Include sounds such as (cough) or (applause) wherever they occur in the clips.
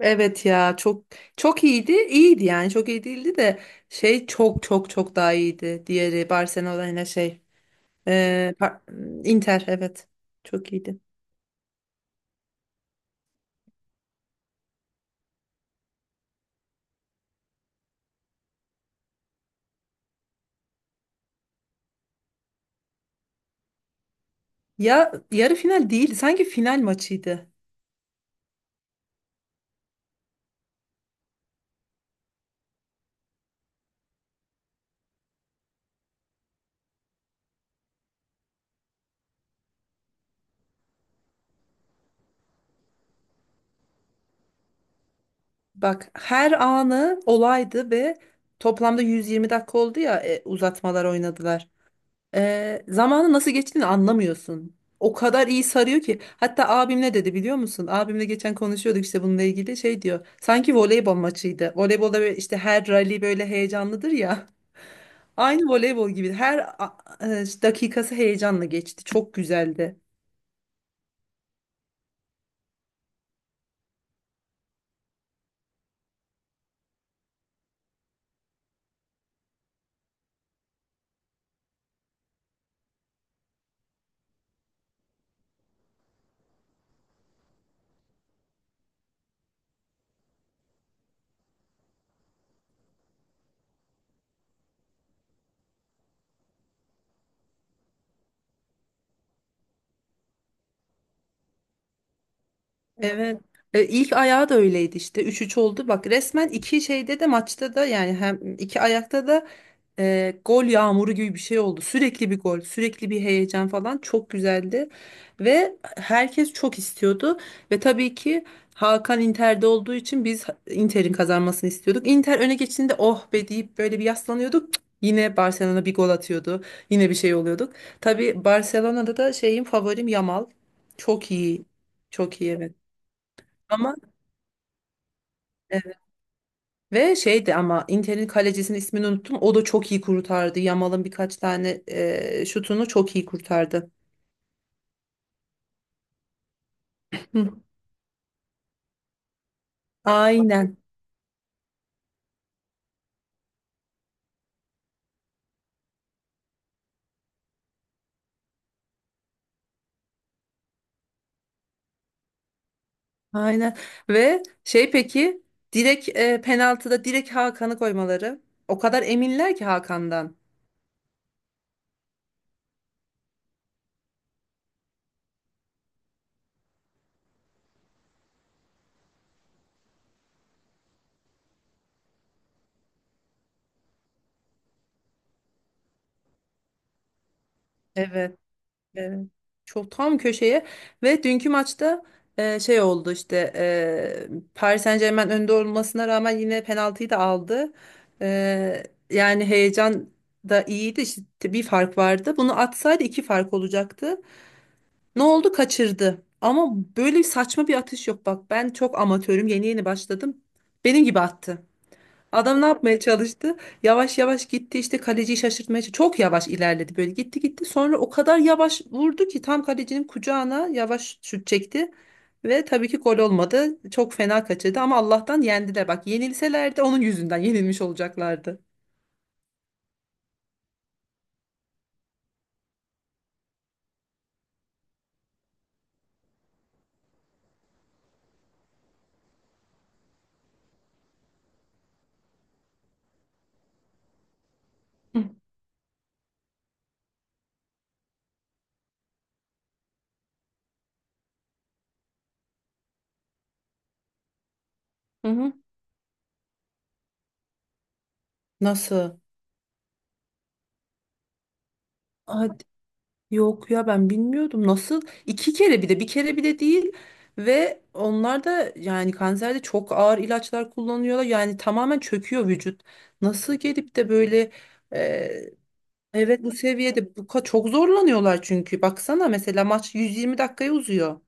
Evet ya çok çok iyiydi. İyiydi yani çok iyi değildi de çok çok çok daha iyiydi. Diğeri Barcelona yine e, par- Inter, evet, çok iyiydi. Ya yarı final değildi, sanki final maçıydı. Bak her anı olaydı ve toplamda 120 dakika oldu ya, uzatmalar oynadılar. Zamanı nasıl geçtiğini anlamıyorsun. O kadar iyi sarıyor ki. Hatta abim ne dedi biliyor musun? Abimle geçen konuşuyorduk işte bununla ilgili, şey diyor, sanki voleybol maçıydı. Voleybolda böyle işte her rally böyle heyecanlıdır ya. (laughs) Aynı voleybol gibi. İşte dakikası heyecanla geçti. Çok güzeldi. Evet. İlk ayağı da öyleydi işte. Üç üç oldu. Bak resmen iki şeyde de maçta da, yani hem iki ayakta da gol yağmuru gibi bir şey oldu. Sürekli bir gol, sürekli bir heyecan falan, çok güzeldi. Ve herkes çok istiyordu. Ve tabii ki Hakan Inter'de olduğu için biz Inter'in kazanmasını istiyorduk. Inter öne geçtiğinde oh be deyip böyle bir yaslanıyorduk. Cık, yine Barcelona bir gol atıyordu. Yine bir şey oluyorduk. Tabii Barcelona'da da şeyim, favorim Yamal. Çok iyi. Çok iyi, evet. Ama evet. Ve şeydi, ama Inter'in kalecisinin ismini unuttum. O da çok iyi kurtardı. Yamal'ın birkaç tane şutunu çok iyi kurtardı. Hı. Aynen. Aynen. Ve şey, peki, direkt penaltıda direkt Hakan'ı koymaları. O kadar eminler ki Hakan'dan. Evet. Evet. Çok tam köşeye, ve dünkü maçta oldu işte, Paris Saint-Germain önde olmasına rağmen yine penaltıyı da aldı. E, Yani heyecan da iyiydi işte, bir fark vardı. Bunu atsaydı iki fark olacaktı. Ne oldu? Kaçırdı. Ama böyle saçma bir atış yok, bak ben çok amatörüm, yeni yeni başladım. Benim gibi attı. Adam ne yapmaya çalıştı? Yavaş yavaş gitti işte, kaleciyi şaşırtmaya çalıştı. Çok yavaş ilerledi, böyle gitti gitti. Sonra o kadar yavaş vurdu ki tam kalecinin kucağına yavaş şut çekti. Ve tabii ki gol olmadı. Çok fena kaçırdı ama Allah'tan yendiler. Bak yenilselerdi onun yüzünden yenilmiş olacaklardı. Hı hı. Nasıl? Yok ya, ben bilmiyordum, nasıl iki kere, bir de bir kere bile değil, ve onlar da yani kanserde çok ağır ilaçlar kullanıyorlar, yani tamamen çöküyor vücut. Nasıl gelip de böyle e, evet bu seviyede çok zorlanıyorlar çünkü baksana mesela maç 120 dakikaya uzuyor.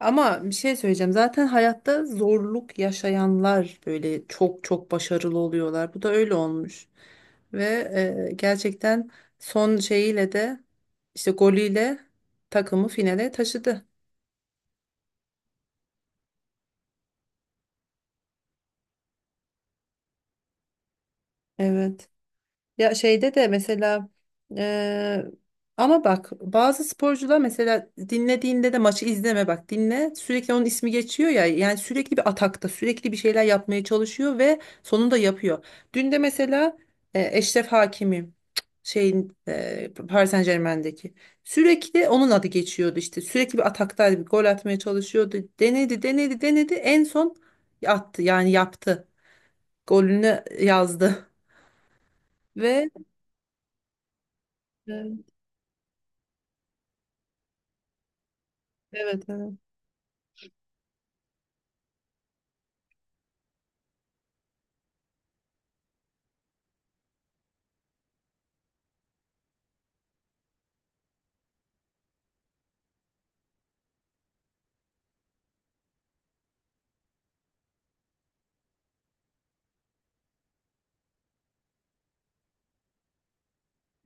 Ama bir şey söyleyeceğim. Zaten hayatta zorluk yaşayanlar böyle çok çok başarılı oluyorlar. Bu da öyle olmuş. Ve gerçekten son şeyiyle de, işte golüyle takımı finale taşıdı. Evet. Ya şeyde de mesela, eee, ama bak bazı sporcular mesela dinlediğinde de maçı izleme, bak dinle, sürekli onun ismi geçiyor ya, yani sürekli bir atakta, sürekli bir şeyler yapmaya çalışıyor ve sonunda yapıyor. Dün de mesela Eşref Hakimi, Paris Saint-Germain'deki, sürekli onun adı geçiyordu işte, sürekli bir ataktaydı, bir gol atmaya çalışıyordu, denedi denedi denedi, en son attı, yani yaptı, golünü yazdı. (laughs) Ve e, evet evet.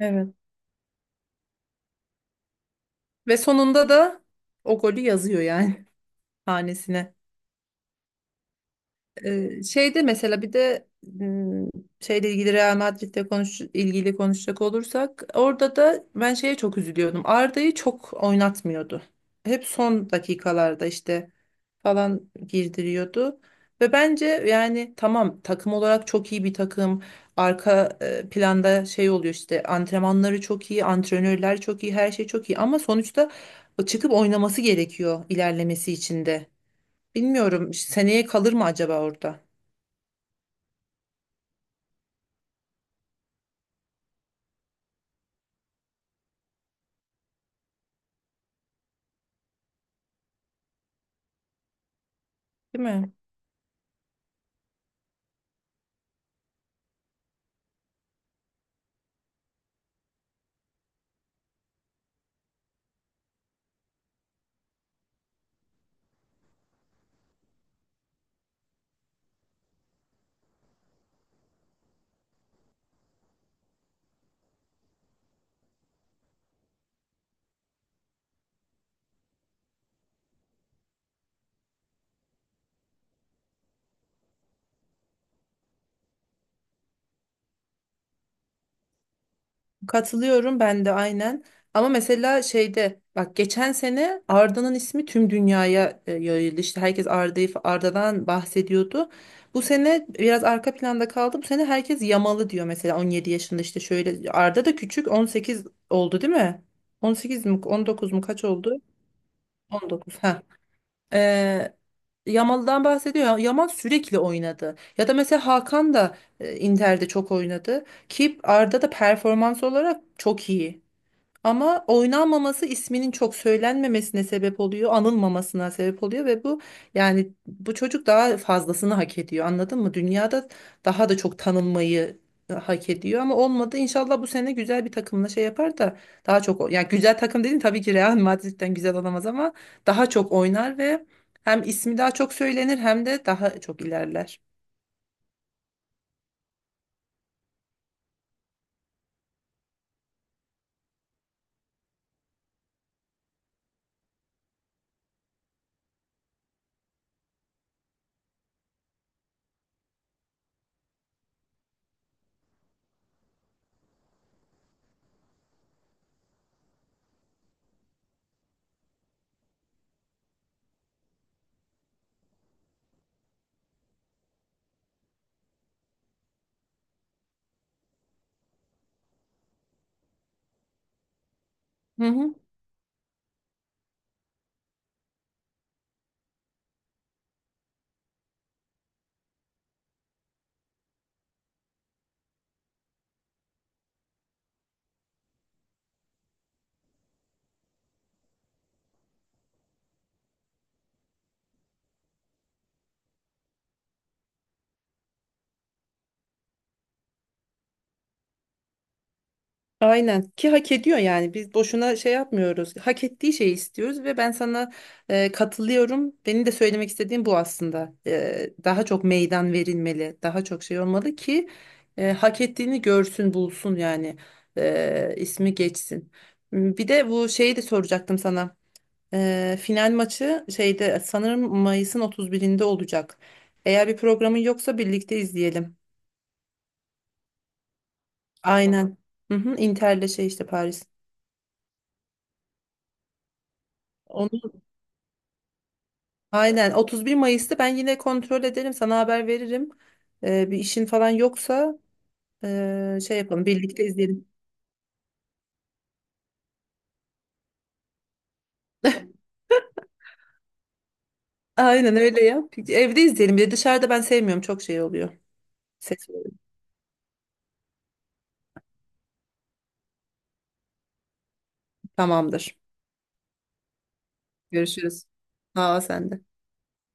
Evet. Ve sonunda da o golü yazıyor yani, (laughs) hanesine. Şeyde mesela, bir de şeyle ilgili, Real Madrid'le ilgili konuşacak olursak, orada da ben şeye çok üzülüyordum. Arda'yı çok oynatmıyordu. Hep son dakikalarda işte falan girdiriyordu. Ve bence yani tamam, takım olarak çok iyi bir takım. Arka planda şey oluyor işte, antrenmanları çok iyi, antrenörler çok iyi, her şey çok iyi ama sonuçta çıkıp oynaması gerekiyor ilerlemesi için de. Bilmiyorum, seneye kalır mı acaba orada? Değil mi? Katılıyorum, ben de aynen. Ama mesela şeyde bak, geçen sene Arda'nın ismi tüm dünyaya yayıldı. İşte herkes Arda'dan bahsediyordu. Bu sene biraz arka planda kaldı. Bu sene herkes Yamalı diyor mesela, 17 yaşında işte, şöyle Arda da küçük, 18 oldu değil mi? 18 mi 19 mu, kaç oldu? 19. Ee, Yamal'dan bahsediyor. Yamal sürekli oynadı. Ya da mesela Hakan da Inter'de çok oynadı. Ki Arda da performans olarak çok iyi. Ama oynanmaması isminin çok söylenmemesine sebep oluyor, anılmamasına sebep oluyor, ve bu, yani bu çocuk daha fazlasını hak ediyor. Anladın mı? Dünyada daha da çok tanınmayı hak ediyor ama olmadı. İnşallah bu sene güzel bir takımla şey yapar da daha çok yani güzel takım dedim, tabii ki Real Madrid'den güzel olamaz ama daha çok oynar ve hem ismi daha çok söylenir hem de daha çok ilerler. Hı hı. Aynen, ki hak ediyor, yani biz boşuna şey yapmıyoruz, hak ettiği şeyi istiyoruz ve ben sana katılıyorum, benim de söylemek istediğim bu aslında. Daha çok meydan verilmeli, daha çok şey olmalı ki hak ettiğini görsün bulsun yani. İsmi geçsin. Bir de bu şeyi de soracaktım sana. Final maçı şeyde sanırım Mayıs'ın 31'inde olacak, eğer bir programın yoksa birlikte izleyelim. Aynen. Hı hı, Inter'le şey, işte Paris. Onu, aynen, 31 Mayıs'ta ben yine kontrol ederim, sana haber veririm. Bir işin falan yoksa, şey yapalım, birlikte izleyelim. Aynen öyle yap. Evde izleyelim. Bir de dışarıda ben sevmiyorum, çok şey oluyor. Ses oluyor. Tamamdır. Görüşürüz. Sağ ol sen de.